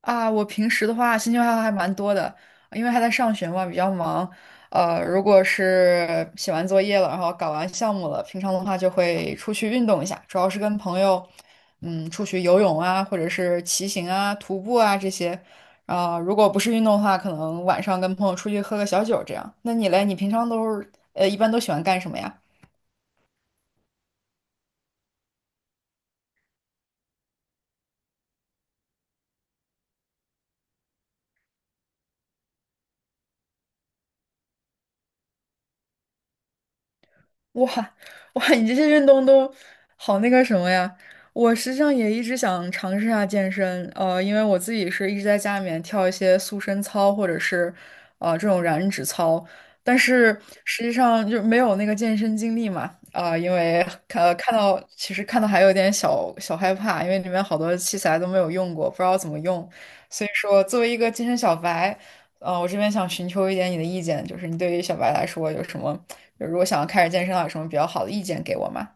啊，我平时的话兴趣爱好还蛮多的，因为还在上学嘛，比较忙。如果是写完作业了，然后搞完项目了，平常的话就会出去运动一下，主要是跟朋友，出去游泳啊，或者是骑行啊、徒步啊这些。如果不是运动的话，可能晚上跟朋友出去喝个小酒这样。那你嘞，你平常都是一般都喜欢干什么呀？哇哇，你这些运动都好那个什么呀！我实际上也一直想尝试一下健身，因为我自己是一直在家里面跳一些塑身操或者是这种燃脂操，但是实际上就没有那个健身经历嘛，因为呃看到其实看到还有点小小害怕，因为里面好多器材都没有用过，不知道怎么用，所以说作为一个健身小白。我这边想寻求一点你的意见，就是你对于小白来说有什么，就如果想要开始健身的话有什么比较好的意见给我吗？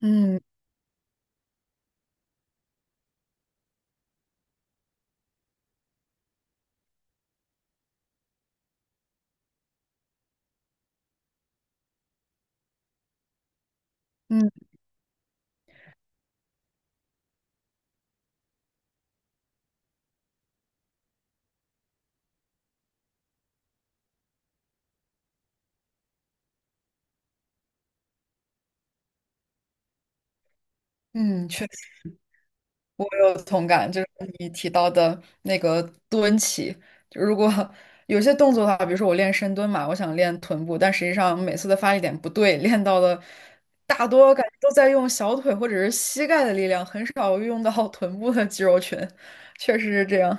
嗯嗯嗯，我有同感，就是你提到的那个蹲起，就如果有些动作的话，比如说我练深蹲嘛，我想练臀部，但实际上每次的发力点不对，练到的大多感觉都在用小腿或者是膝盖的力量，很少用到 臀部的肌肉群，确实是这样。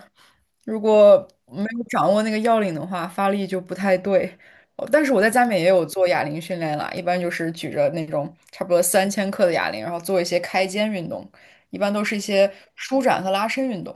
如果没有掌握那个要领的话，发力就不太对。哦但是我在家里面也有做哑铃训练啦，一般就是举着那种差不多3千克的哑铃，然后做一些开肩运动。一般都是一些舒展和拉伸运动。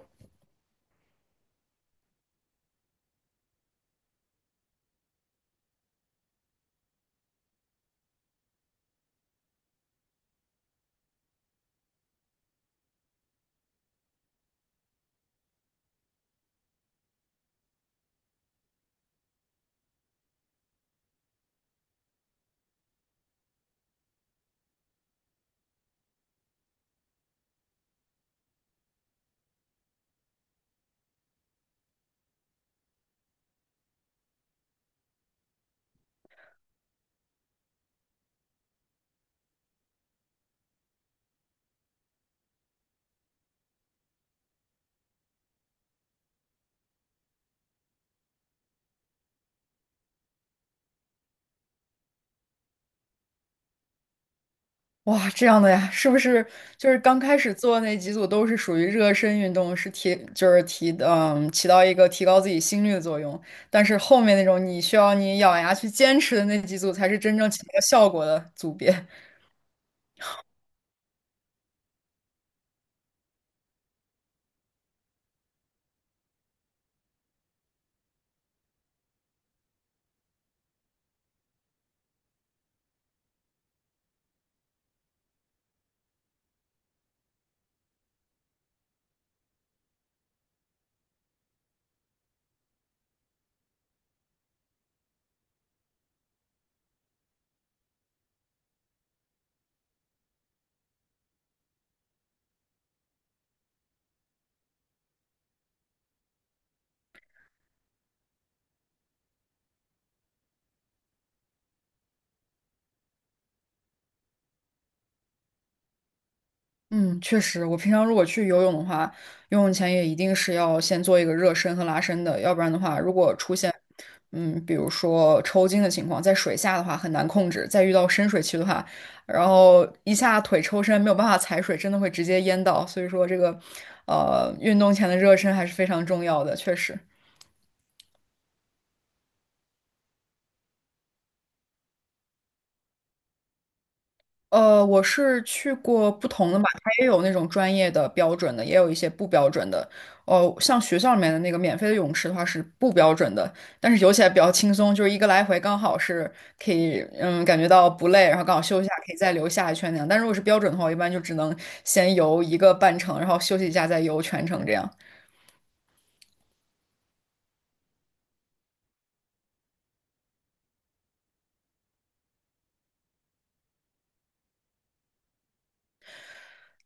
哇，这样的呀，是不是就是刚开始做那几组都是属于热身运动，就是提起到一个提高自己心率的作用，但是后面那种你需要你咬牙去坚持的那几组才是真正起到效果的组别。嗯，确实，我平常如果去游泳的话，游泳前也一定是要先做一个热身和拉伸的，要不然的话，如果出现，比如说抽筋的情况，在水下的话很难控制，再遇到深水区的话，然后一下腿抽伸没有办法踩水，真的会直接淹到，所以说这个，运动前的热身还是非常重要的，确实。我是去过不同的吧，它也有那种专业的标准的，也有一些不标准的。哦，像学校里面的那个免费的泳池的话是不标准的，但是游起来比较轻松，就是一个来回刚好是可以，感觉到不累，然后刚好休息一下，可以再游下一圈那样。但如果是标准的话，我一般就只能先游一个半程，然后休息一下再游全程这样。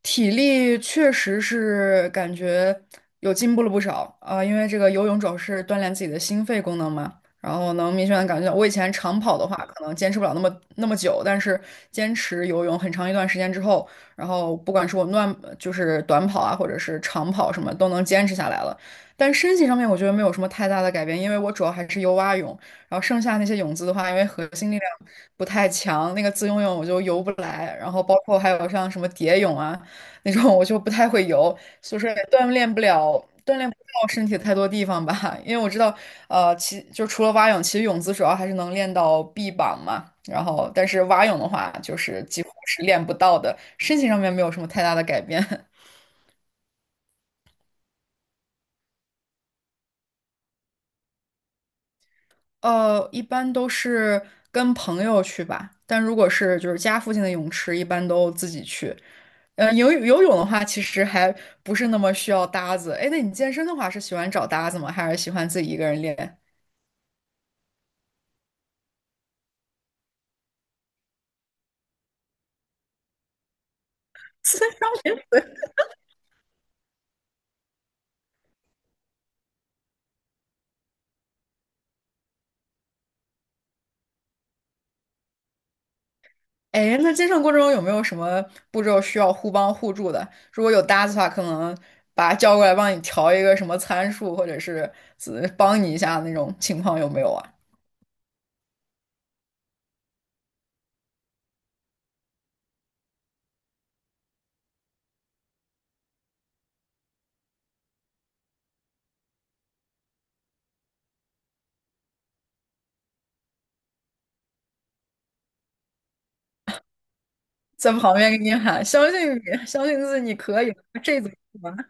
体力确实是感觉有进步了不少啊，因为这个游泳主要是锻炼自己的心肺功能嘛，然后能明显的感觉到，我以前长跑的话可能坚持不了那么那么久，但是坚持游泳很长一段时间之后，然后不管是我乱就是短跑啊，或者是长跑什么都能坚持下来了。但身体上面我觉得没有什么太大的改变，因为我主要还是游蛙泳，然后剩下那些泳姿的话，因为核心力量不太强，那个自由泳我就游不来，然后包括还有像什么蝶泳啊。那种，我就不太会游，就是也锻炼不到身体太多地方吧。因为我知道，除了蛙泳，其实泳姿主要还是能练到臂膀嘛。然后，但是蛙泳的话，就是几乎是练不到的，身形上面没有什么太大的改变。一般都是跟朋友去吧，但如果是就是家附近的泳池，一般都自己去。游泳的话，其实还不是那么需要搭子。哎，那你健身的话，是喜欢找搭子吗？还是喜欢自己一个人练？哎，那接上过程中有没有什么步骤需要互帮互助的？如果有搭子的话，可能把他叫过来帮你调一个什么参数，或者是帮你一下那种情况有没有啊？在旁边给你喊，相信你，相信自己，你可以的，这怎么办。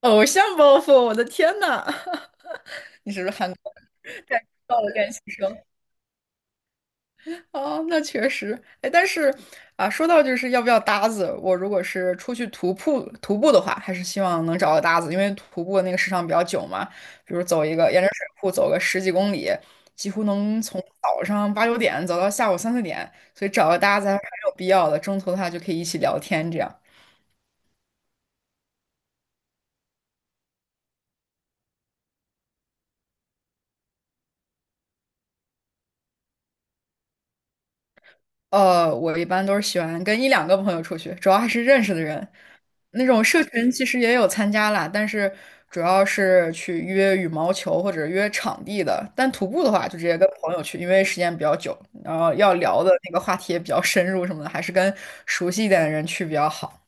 偶像包袱，我的天呐！你是不是喊到了练习生？哦，那确实，哎，但是啊，说到就是要不要搭子，我如果是出去徒步的话，还是希望能找个搭子，因为徒步的那个时长比较久嘛，比如走一个沿着水库走个十几公里，几乎能从早上八九点走到下午三四点，所以找个搭子还是很有必要的，中途的话就可以一起聊天这样。我一般都是喜欢跟一两个朋友出去，主要还是认识的人。那种社群其实也有参加啦，但是主要是去约羽毛球或者约场地的。但徒步的话，就直接跟朋友去，因为时间比较久，然后要聊的那个话题也比较深入什么的，还是跟熟悉一点的人去比较好。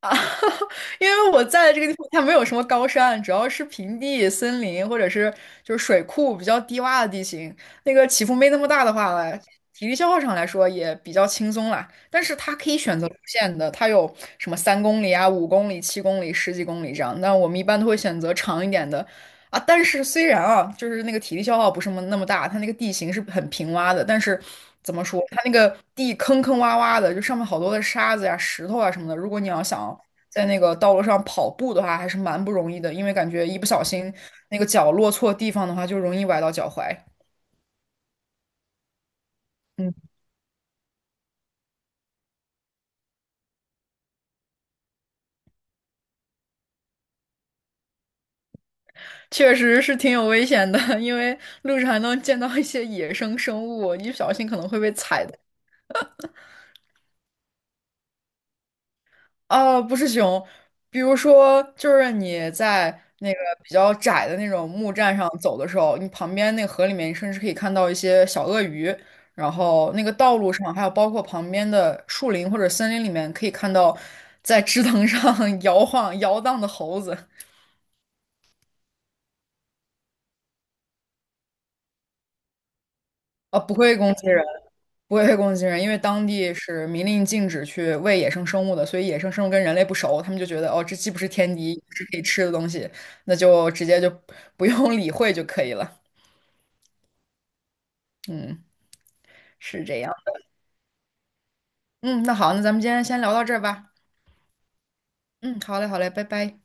啊，因为我在的这个地方，它没有什么高山，主要是平地、森林或者是就是水库比较低洼的地形，那个起伏没那么大的话呢，体力消耗上来说也比较轻松啦。但是它可以选择路线的，它有什么3公里啊、5公里、7公里、十几公里这样。那我们一般都会选择长一点的，啊，但是虽然啊，就是那个体力消耗不是那么那么大，它那个地形是很平洼的，但是怎么说，它那个地坑坑洼洼的，就上面好多的沙子呀、石头啊什么的。如果你要想在那个道路上跑步的话，还是蛮不容易的，因为感觉一不小心那个脚落错地方的话，就容易崴到脚踝。嗯，确实是挺有危险的，因为路上还能见到一些野生生物，一不小心可能会被踩到。不是熊，比如说，就是你在那个比较窄的那种木栈上走的时候，你旁边那个河里面，你甚至可以看到一些小鳄鱼，然后那个道路上，还有包括旁边的树林或者森林里面，可以看到在枝藤上 摇晃摇荡的猴子，不会攻击人。不会被攻击人，因为当地是明令禁止去喂野生生物的，所以野生生物跟人类不熟，他们就觉得哦，这既不是天敌，也不是可以吃的东西，那就直接就不用理会就可以了。嗯，是这样。嗯，那好，那咱们今天先聊到这儿吧。嗯，好嘞，好嘞，拜拜。